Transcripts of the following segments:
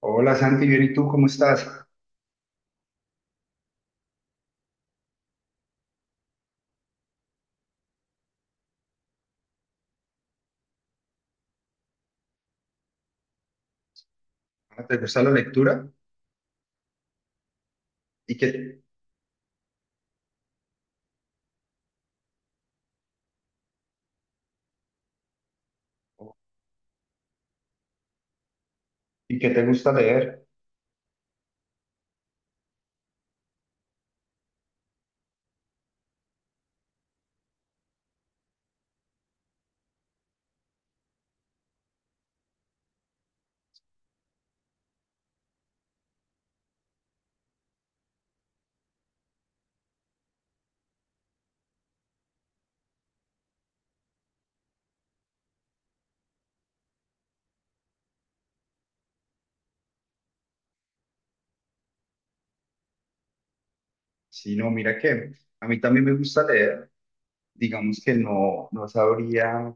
Hola Santi, bien, ¿y tú cómo estás? Ah, ¿te gusta la lectura? ¿Y qué, y qué te gusta leer? Sí, no, mira que a mí también me gusta leer. Digamos que no sabría,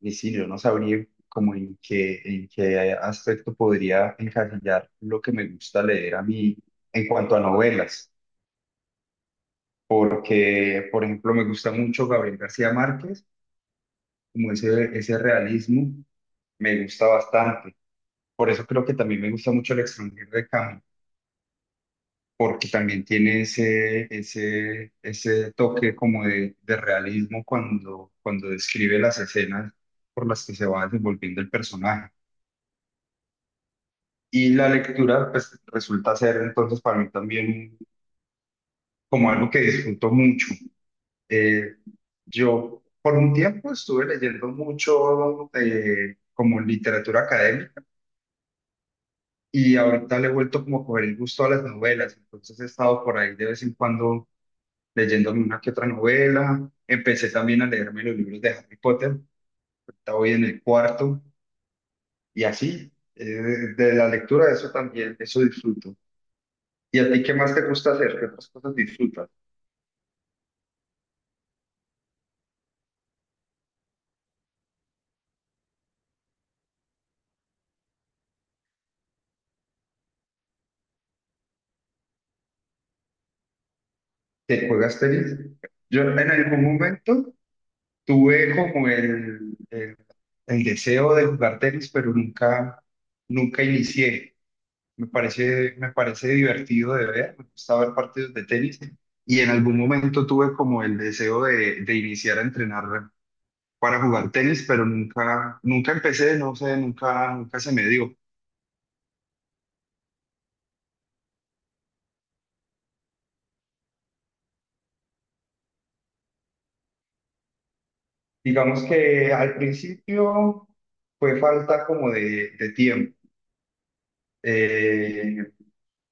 ni si yo no sabría como en qué aspecto podría encasillar lo que me gusta leer a mí en cuanto a novelas. Porque, por ejemplo, me gusta mucho Gabriel García Márquez, como ese realismo me gusta bastante. Por eso creo que también me gusta mucho El extranjero de Camus porque también tiene ese toque como de realismo cuando describe las escenas por las que se va desenvolviendo el personaje. Y la lectura, pues, resulta ser entonces para mí también como algo que disfruto mucho. Eh, yo por un tiempo estuve leyendo mucho como literatura académica y ahorita le he vuelto como a coger el gusto a las novelas, entonces he estado por ahí de vez en cuando leyéndome una que otra novela. Empecé también a leerme los libros de Harry Potter, ahorita voy en el cuarto, y así, de la lectura de eso también, eso disfruto. ¿Y a ti qué más te gusta hacer? ¿Qué otras cosas disfrutas? ¿Te juegas tenis? Yo en algún momento tuve como el deseo de jugar tenis, pero nunca, nunca inicié. Me parece divertido de ver, me gusta ver partidos de tenis y en algún momento tuve como el deseo de iniciar a entrenar para jugar tenis, pero nunca, nunca empecé, no sé, nunca, nunca se me dio. Digamos que al principio fue falta como de tiempo. Eh,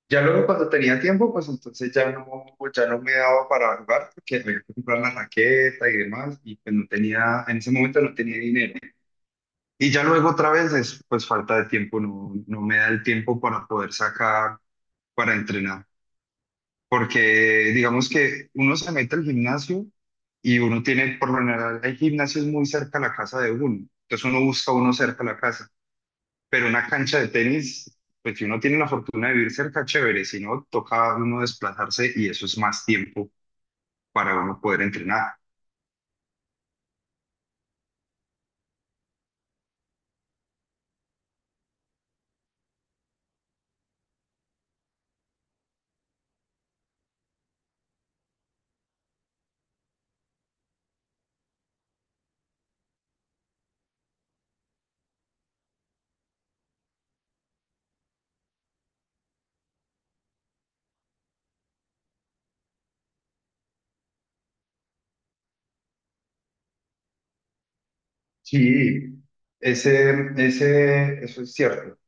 ya luego cuando tenía tiempo, pues entonces ya no, pues ya no me daba para jugar porque había que comprar la raqueta y demás y pues no tenía, en ese momento no tenía dinero. Y ya luego otra vez es pues falta de tiempo, no, no me da el tiempo para poder sacar, para entrenar. Porque digamos que uno se mete al gimnasio y uno tiene, por lo general, hay gimnasios muy cerca a la casa de uno. Entonces uno busca uno cerca a la casa. Pero una cancha de tenis, pues si uno tiene la fortuna de vivir cerca, chévere. Si no, toca uno desplazarse y eso es más tiempo para uno poder entrenar. Sí, eso es cierto.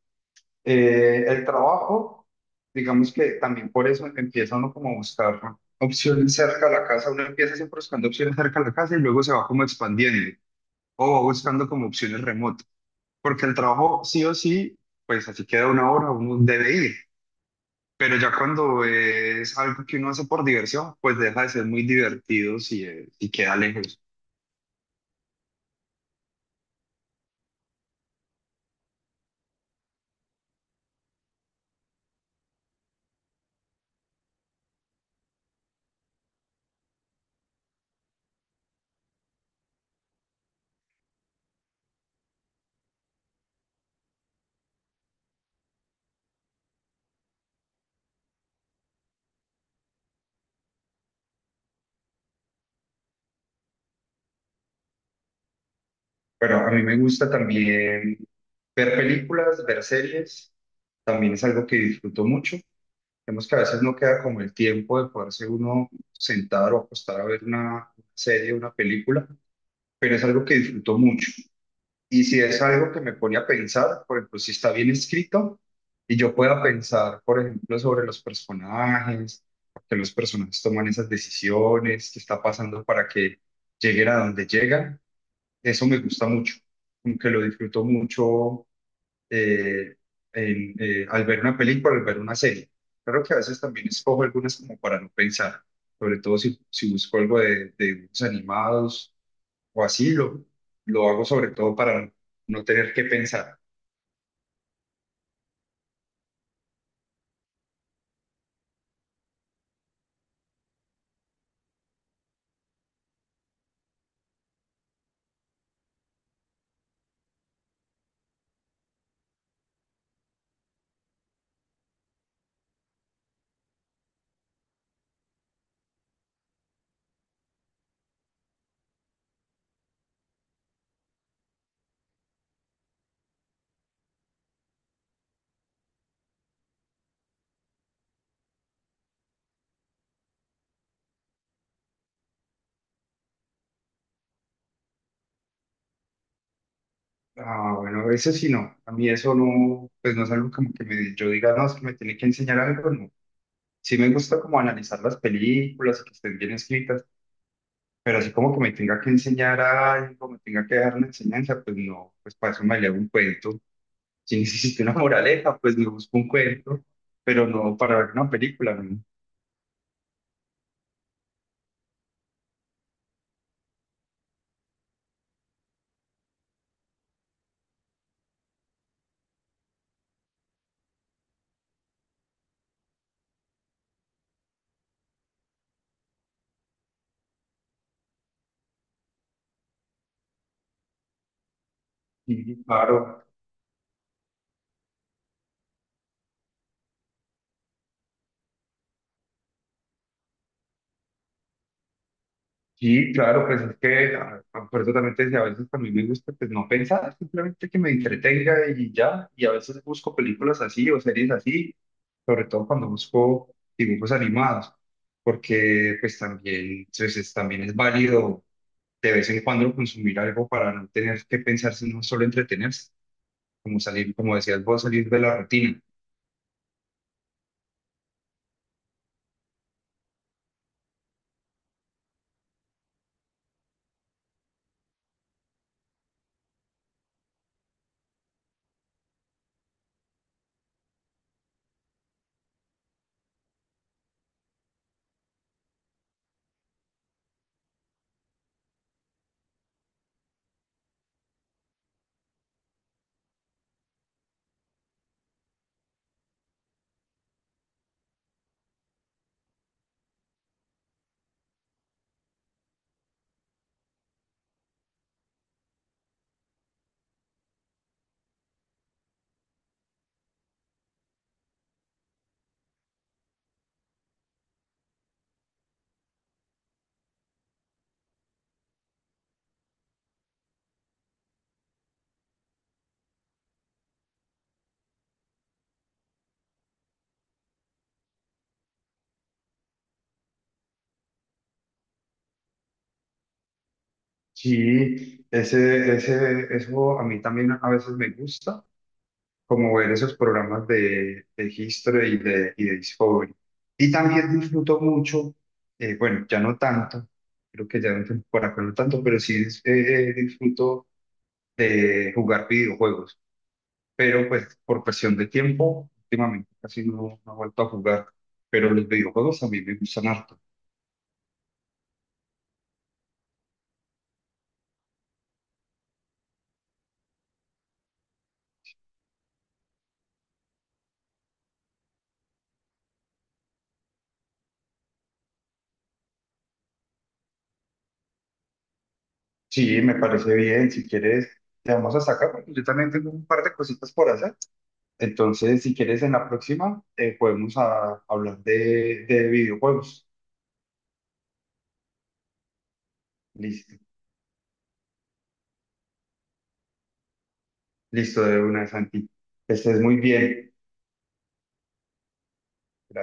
El trabajo, digamos que también por eso empieza uno como a buscar opciones cerca de la casa, uno empieza siempre buscando opciones cerca de la casa y luego se va como expandiendo o va buscando como opciones remotas, porque el trabajo sí o sí, pues así queda una hora, uno debe ir, pero ya cuando es algo que uno hace por diversión, pues deja de ser muy divertido si, si queda lejos. Pero a mí me gusta también ver películas, ver series, también es algo que disfruto mucho. Vemos que a veces no queda como el tiempo de poderse uno sentar o acostar a ver una serie, una película, pero es algo que disfruto mucho. Y si es algo que me pone a pensar, por ejemplo, si está bien escrito y yo pueda pensar, por ejemplo, sobre los personajes, por qué los personajes toman esas decisiones, qué está pasando para que lleguen a donde llegan, eso me gusta mucho, como que lo disfruto mucho eh, en, al ver una película, al ver una serie. Claro que a veces también escojo algunas como para no pensar, sobre todo si, si busco algo de dibujos animados o así, lo hago sobre todo para no tener que pensar. Ah, bueno, a veces sí no. A mí eso no, pues no es algo como que me, yo diga, no, es que me tiene que enseñar algo, no. Sí me gusta como analizar las películas y que estén bien escritas, pero así como que me tenga que enseñar algo, me tenga que dejar una enseñanza, pues no, pues para eso me leo un cuento. Si necesito una moraleja, pues me busco un cuento, pero no para ver una película, ¿no? Sí, claro, sí, claro, pues es que por eso también te decía, a veces también me gusta pues no pensar, simplemente que me entretenga y ya, y a veces busco películas así o series así, sobre todo cuando busco dibujos animados, porque pues también, pues, también es válido de vez en cuando consumir algo para no tener que pensar, sino solo entretenerse, como salir, como decías vos, salir de la rutina. Sí, eso a mí también a veces me gusta, como ver esos programas de History y de Discovery. Y también disfruto mucho, bueno, ya no tanto, creo que ya no tengo por acá no tanto, pero sí disfruto de jugar videojuegos. Pero pues por presión de tiempo, últimamente casi no, no he vuelto a jugar, pero los videojuegos a mí me gustan harto. Sí, me parece bien, si quieres, te vamos a sacar, porque yo también tengo un par de cositas por hacer. Entonces, si quieres, en la próxima podemos hablar de videojuegos. Listo, listo de una, Santi. Que estés muy bien. Gracias.